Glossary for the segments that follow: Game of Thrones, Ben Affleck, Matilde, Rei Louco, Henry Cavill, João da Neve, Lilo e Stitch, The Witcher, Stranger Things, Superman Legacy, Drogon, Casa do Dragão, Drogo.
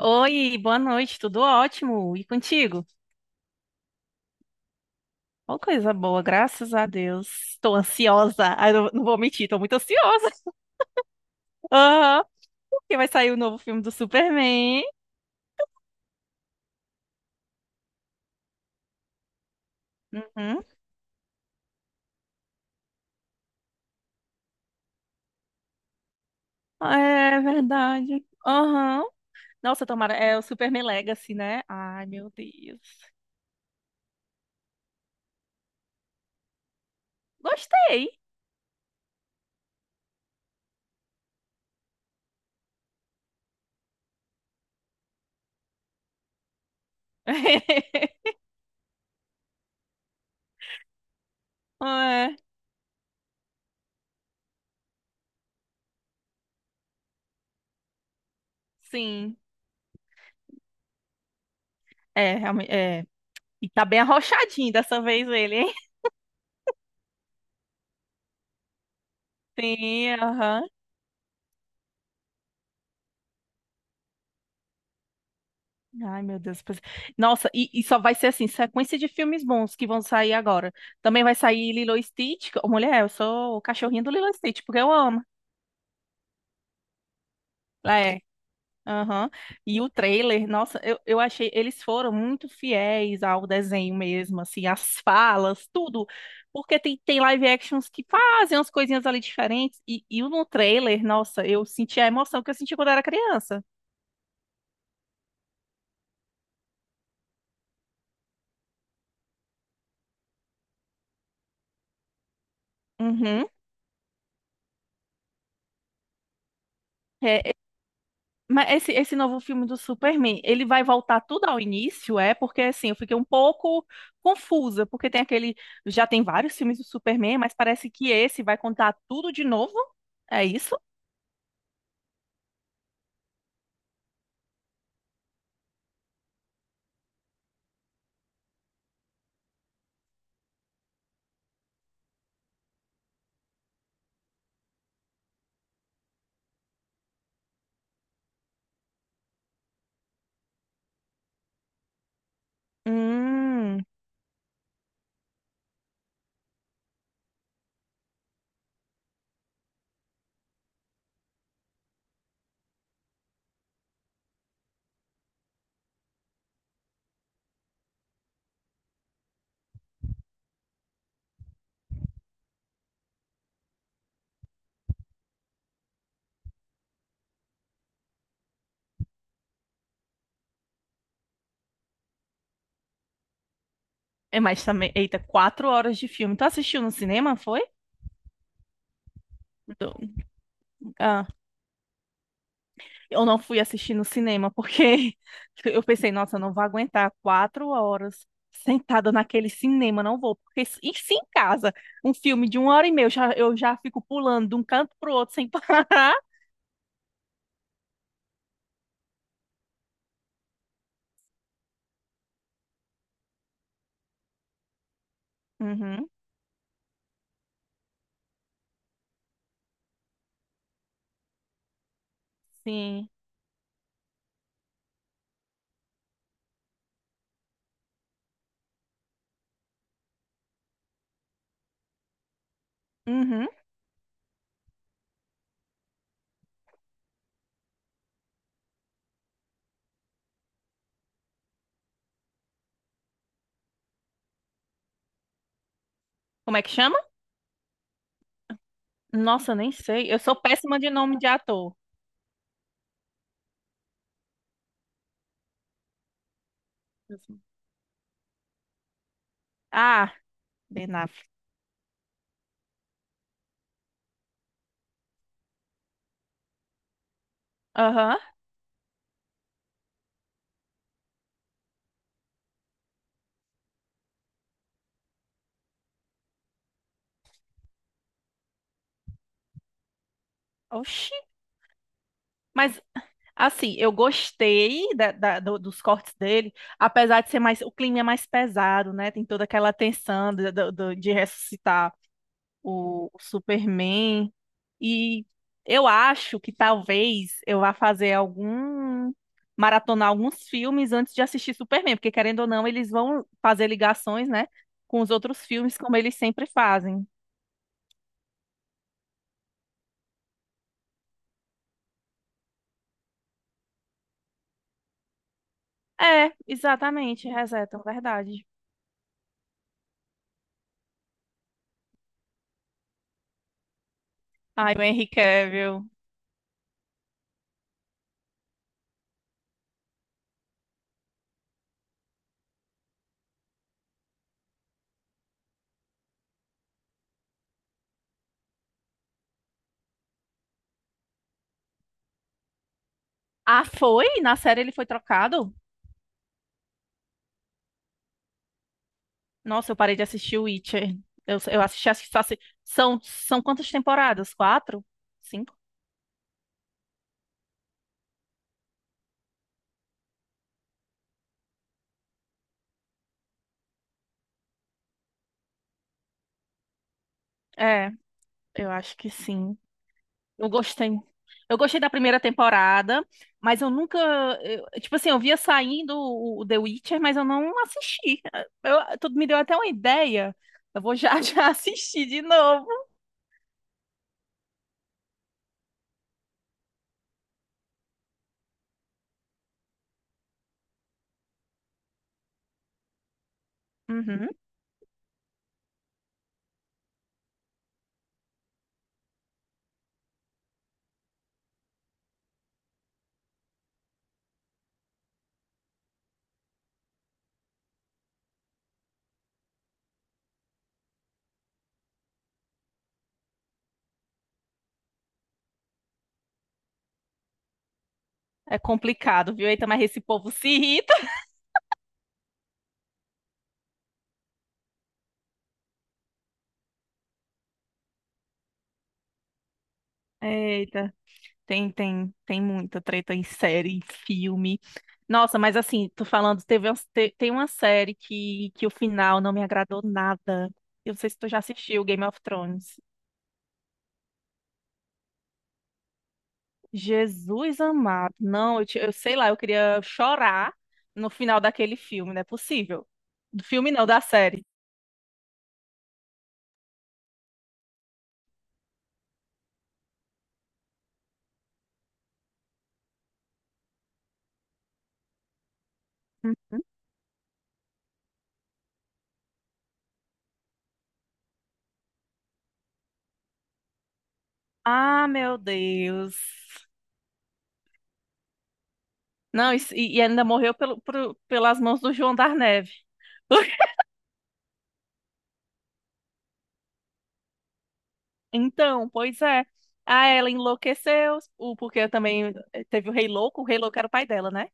Oi, boa noite, tudo ótimo? E contigo? Ó, coisa boa, graças a Deus. Tô ansiosa. Ah, não vou mentir, tô muito ansiosa. Aham, porque vai sair o novo filme do Superman. Uhum. É verdade. Aham. Nossa, tomara. É o Superman Legacy, né? Ai, meu Deus. Gostei. É, sim. É, realmente. É. E tá bem arrochadinho dessa vez ele, hein? Sim, aham. Ai, meu Deus. Nossa, e só vai ser assim, sequência de filmes bons que vão sair agora. Também vai sair Lilo e Stitch. Ô, Mulher, eu sou o cachorrinho do Lilo e Stitch, porque eu amo. É. Aham. E o trailer, nossa, eu achei, eles foram muito fiéis ao desenho mesmo, assim, as falas, tudo. Porque tem live actions que fazem umas coisinhas ali diferentes. E no trailer, nossa, eu senti a emoção que eu senti quando era criança. Uhum. É, mas esse novo filme do Superman, ele vai voltar tudo ao início, é? Porque assim, eu fiquei um pouco confusa, porque tem aquele, já tem vários filmes do Superman, mas parece que esse vai contar tudo de novo. É isso? Hum. É, mas também, eita, quatro horas de filme. Tu assistiu no cinema, foi? Então, eu não fui assistir no cinema porque eu pensei, nossa, eu não vou aguentar quatro horas sentada naquele cinema, não vou. Porque e se em casa, um filme de uma hora e meia, eu já fico pulando de um canto pro outro sem parar. Uhum, sim. Uhum. Como é que chama? Nossa, eu nem sei. Eu sou péssima de nome de ator. Ah, Ben Affleck. Aham. Oxi. Mas assim, eu gostei dos cortes dele, apesar de ser mais, o clima é mais pesado, né? Tem toda aquela tensão de, de ressuscitar o Superman. E eu acho que talvez eu vá fazer algum, maratonar alguns filmes antes de assistir Superman, porque querendo ou não, eles vão fazer ligações, né, com os outros filmes, como eles sempre fazem. É, exatamente, resetam, verdade. Ai, o Henry Cavill. Ah, foi? Na série ele foi trocado? Nossa, eu parei de assistir o Witcher. Eu, eu são, são quantas temporadas? Quatro? Cinco? É, eu acho que sim. Eu gostei. Eu gostei da primeira temporada, mas eu nunca. Tipo assim, eu via saindo o The Witcher, mas eu não assisti. Eu, tudo me deu até uma ideia. Eu vou já já assistir de novo. Uhum. É complicado, viu? Eita, mas esse povo se irrita. Eita. Tem muita treta em série, em filme. Nossa, mas assim, tô falando, tem uma série que o final não me agradou nada. Eu não sei se tu já assistiu Game of Thrones. Jesus amado. Não, eu sei lá, eu queria chorar no final daquele filme, não é possível. Do filme não, da série. Ah, meu Deus. Não, isso- E, e ainda morreu pelas mãos do João da Neve. Então, pois é. Ah, ela enlouqueceu, porque também eh, teve o Rei Louco era o pai dela, né?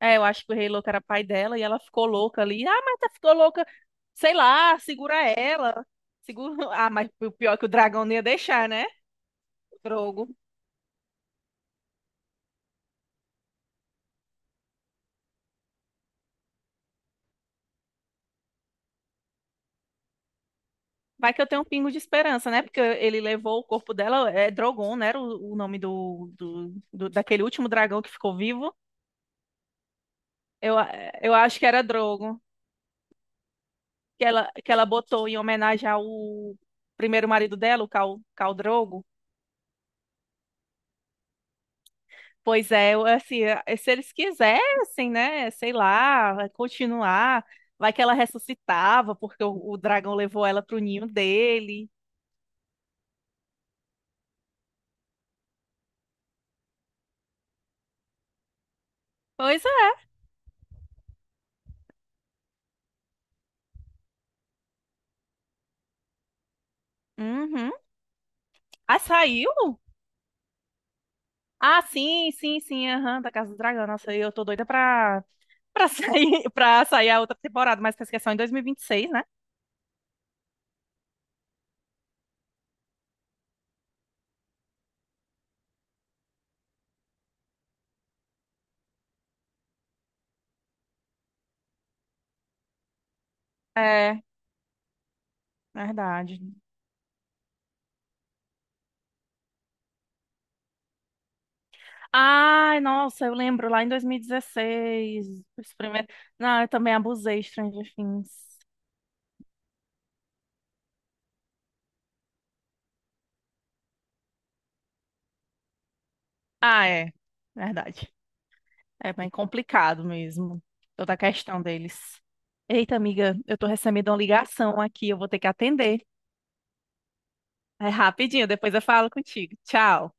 É, eu acho que o Rei Louco era pai dela e ela ficou louca ali. Ah, mas tá ficou louca, sei lá, segura ela. Segura... Ah, mas o pior é que o dragão não ia deixar, né? Drogo. Vai que eu tenho um pingo de esperança, né? Porque ele levou o corpo dela, é Drogon, né? Era o nome do daquele último dragão que ficou vivo. Eu, eh, eu acho que era Drogo. Que ela, que ela botou em homenagem ao primeiro marido dela, o Cal, Cal Drogo. Pois é, eu, assim, eh, se eles quisessem, né, sei lá, vai continuar, vai que ela ressuscitava, porque o dragão levou ela pro ninho dele. Pois é. Uhum. Ah, saiu? Ah, sim, sim, sim, aham, da Casa do Dragão. Nossa, eu tô doida pra, pra sair, pra sair a outra temporada, mas parece que é só em 2026, né? É, verdade. Ai, nossa, eu lembro lá em 2016, os primeiros... Não, eu também abusei de Stranger Things. Ah, é. Verdade. É bem complicado mesmo, toda a questão deles. Eita, amiga, eu tô recebendo uma ligação aqui, eu vou ter que atender. É rapidinho, depois eu falo contigo. Tchau.